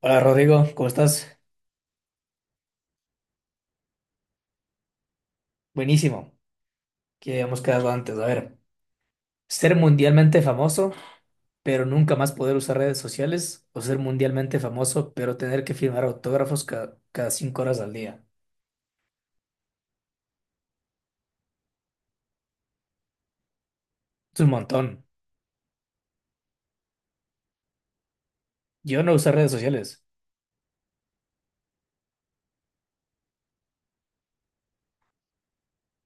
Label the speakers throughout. Speaker 1: Hola Rodrigo, ¿cómo estás? Buenísimo, que habíamos quedado antes. A ver, ser mundialmente famoso, pero nunca más poder usar redes sociales, o ser mundialmente famoso, pero tener que firmar autógrafos cada 5 horas al día. Es un montón. Yo no uso redes sociales.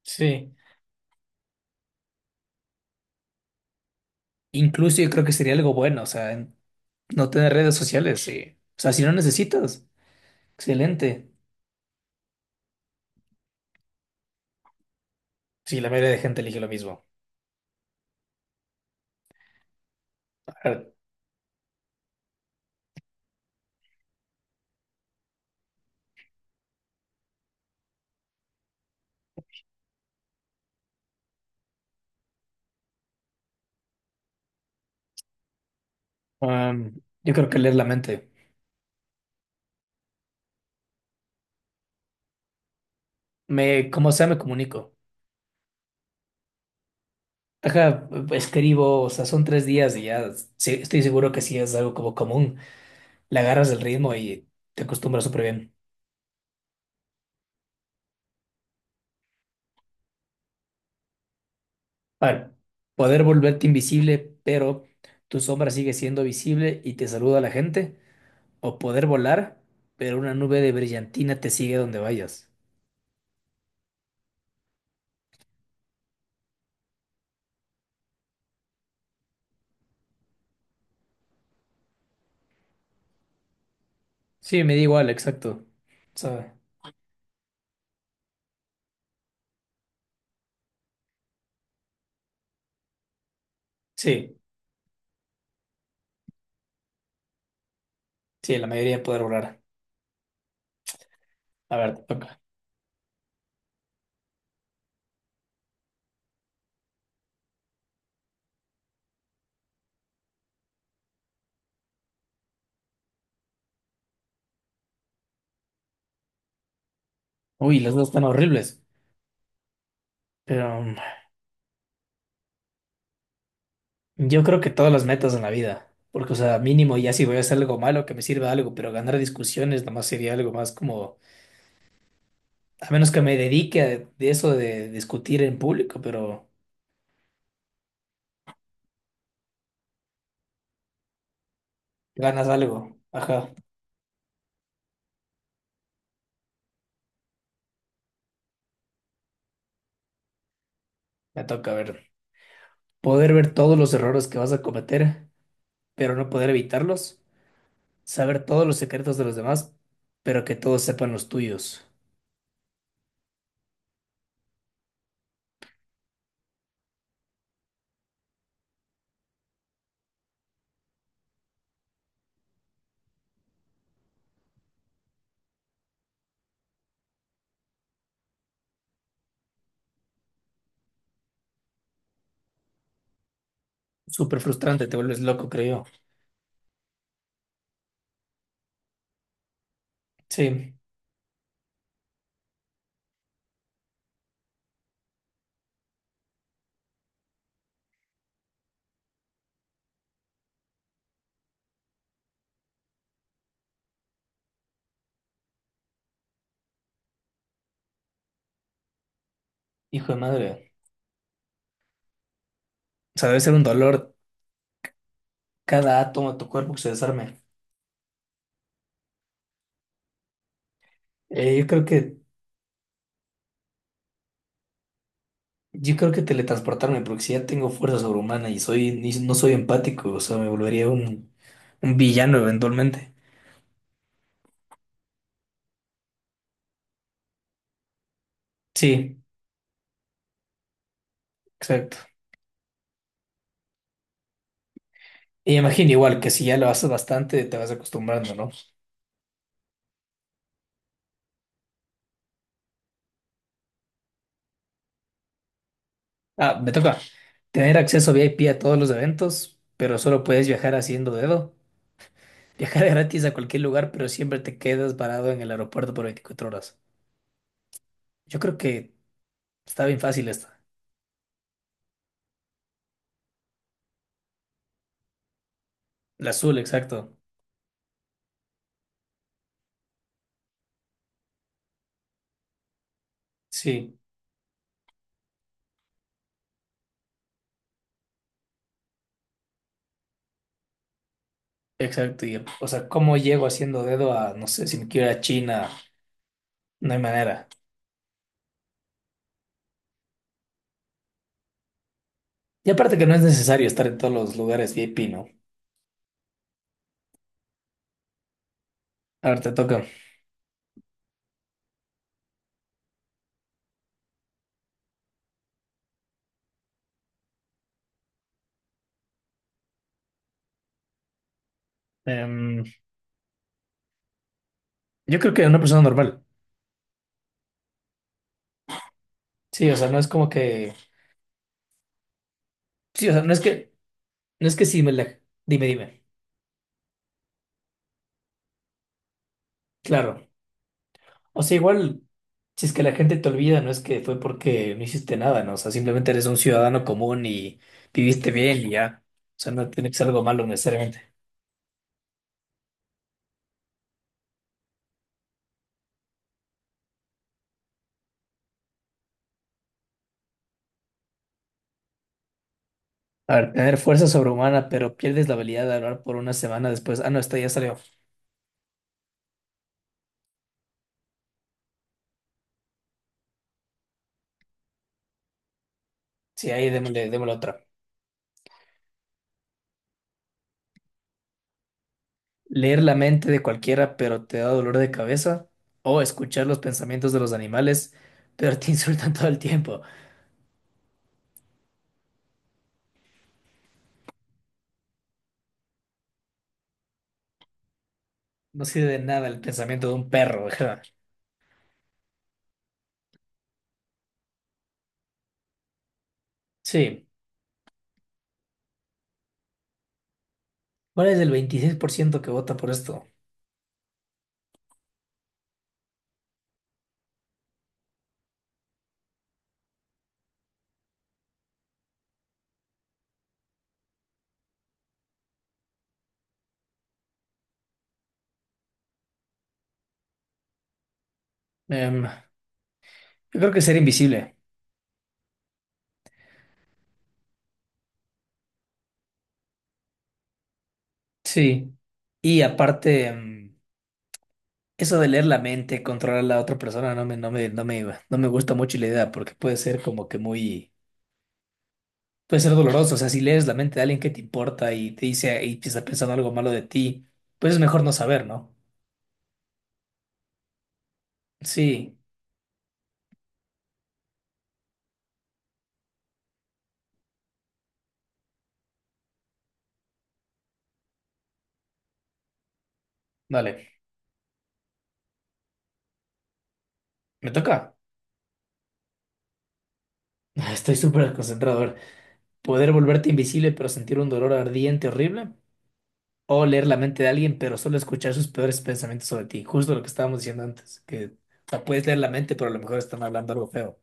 Speaker 1: Sí. Incluso yo creo que sería algo bueno, o sea, no tener redes sociales, sí. O sea, si no necesitas, excelente. Sí, la mayoría de gente elige lo mismo. A ver, um, yo creo que leer la mente. Como sea, me comunico. Ajá, escribo, o sea, son 3 días y ya sí, estoy seguro que sí es algo como común. Le agarras el ritmo y te acostumbras súper bien. Para poder volverte invisible, pero tu sombra sigue siendo visible y te saluda a la gente. O poder volar, pero una nube de brillantina te sigue donde vayas. Sí, me da igual, exacto. O sea, sí, sí, la mayoría poder volar. A ver, te toca. Uy, las dos están horribles. Pero yo creo que todas las metas en la vida, porque, o sea, mínimo ya si voy a hacer algo malo, que me sirva algo, pero ganar discusiones nomás sería algo más como, a menos que me dedique a de eso de discutir en público, pero ganas algo. Ajá, me toca ver. Poder ver todos los errores que vas a cometer, pero no poder evitarlos. Saber todos los secretos de los demás, pero que todos sepan los tuyos. Súper frustrante, te vuelves loco, creo yo. Sí, hijo de madre. O sea, debe ser un dolor cada átomo de tu cuerpo que se desarme. Eh, yo creo que Yo creo que teletransportarme, porque si ya tengo fuerza sobrehumana y soy, no soy empático, o sea, me volvería un villano eventualmente. Sí, exacto. Y imagino igual que si ya lo haces bastante, te vas acostumbrando, ¿no? Ah, me toca tener acceso VIP a todos los eventos, pero solo puedes viajar haciendo dedo. Viajar gratis a cualquier lugar, pero siempre te quedas parado en el aeropuerto por 24 horas. Yo creo que está bien fácil esta. La azul, exacto. Sí. Exacto, y, o sea, ¿cómo llego haciendo dedo a, no sé, si me quiero ir a China? No hay manera. Y aparte que no es necesario estar en todos los lugares VIP, ¿no? A ver, te toca. Em, yo creo que una persona normal. Sí, o sea, no es como que... Sí, o sea, no es que... No es que sí me la... Dime, dime. Claro. O sea, igual, si es que la gente te olvida, no es que fue porque no hiciste nada, ¿no? O sea, simplemente eres un ciudadano común y viviste bien y ya. O sea, no tiene que ser algo malo necesariamente. A ver, tener fuerza sobrehumana, pero pierdes la habilidad de hablar por una semana después. Ah, no, esta ya salió. Sí, ahí démosle otra. Leer la mente de cualquiera, pero te da dolor de cabeza. O escuchar los pensamientos de los animales, pero te insultan todo el tiempo. No sirve de nada el pensamiento de un perro. Ajá. Sí. ¿Cuál es el 26% que vota por esto? Yo creo que ser invisible. Sí. Y aparte, eso de leer la mente, controlar a la otra persona, no me gusta mucho la idea porque puede ser como que muy, puede ser doloroso. O sea, si lees la mente de alguien que te importa y te dice y te está pensando algo malo de ti, pues es mejor no saber, ¿no? Sí, dale, me toca. Estoy súper concentrado. A ver, poder volverte invisible pero sentir un dolor ardiente, horrible. O leer la mente de alguien pero solo escuchar sus peores pensamientos sobre ti. Justo lo que estábamos diciendo antes, que o sea, puedes leer la mente pero a lo mejor están hablando algo feo.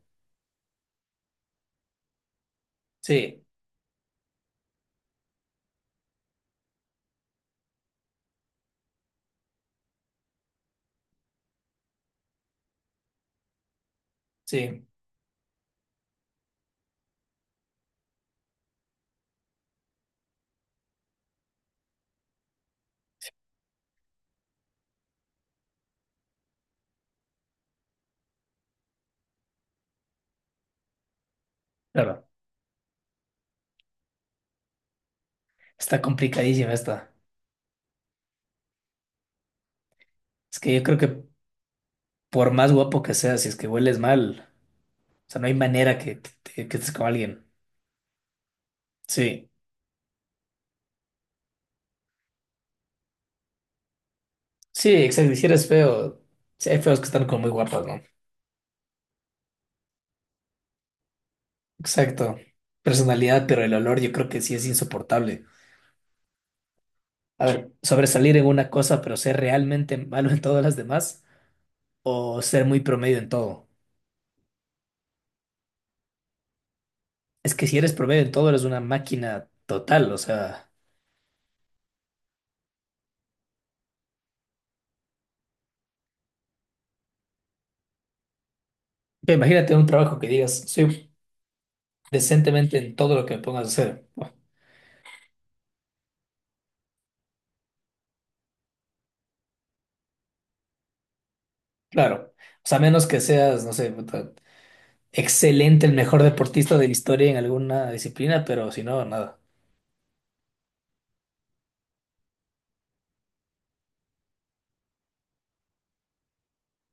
Speaker 1: Sí, sí. Claro. Está complicadísima esta. Es que yo creo que por más guapo que seas, si es que hueles mal, o sea, no hay manera que estés con alguien. Sí, sí, exacto. Y si eres feo, sí, hay feos que están como muy guapos, ¿no? Exacto. Personalidad, pero el olor yo creo que sí es insoportable. A ver, sobresalir en una cosa, pero ser realmente malo en todas las demás, o ser muy promedio en todo. Es que si eres promedio en todo, eres una máquina total, o sea, ve, imagínate un trabajo que digas, soy decentemente en todo lo que me pongas a hacer. Claro, o sea, a menos que seas, no sé, puta, excelente, el mejor deportista de la historia en alguna disciplina, pero si no, nada.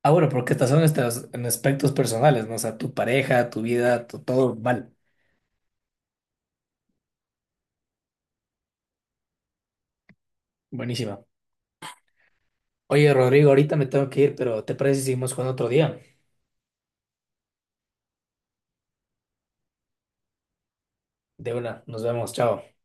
Speaker 1: Ah, bueno, porque estas son estas en aspectos personales, ¿no? O sea, tu pareja, tu vida, todo mal. Buenísima. Oye, Rodrigo, ahorita me tengo que ir, pero ¿te parece si seguimos jugando otro día? De una, nos vemos, chao.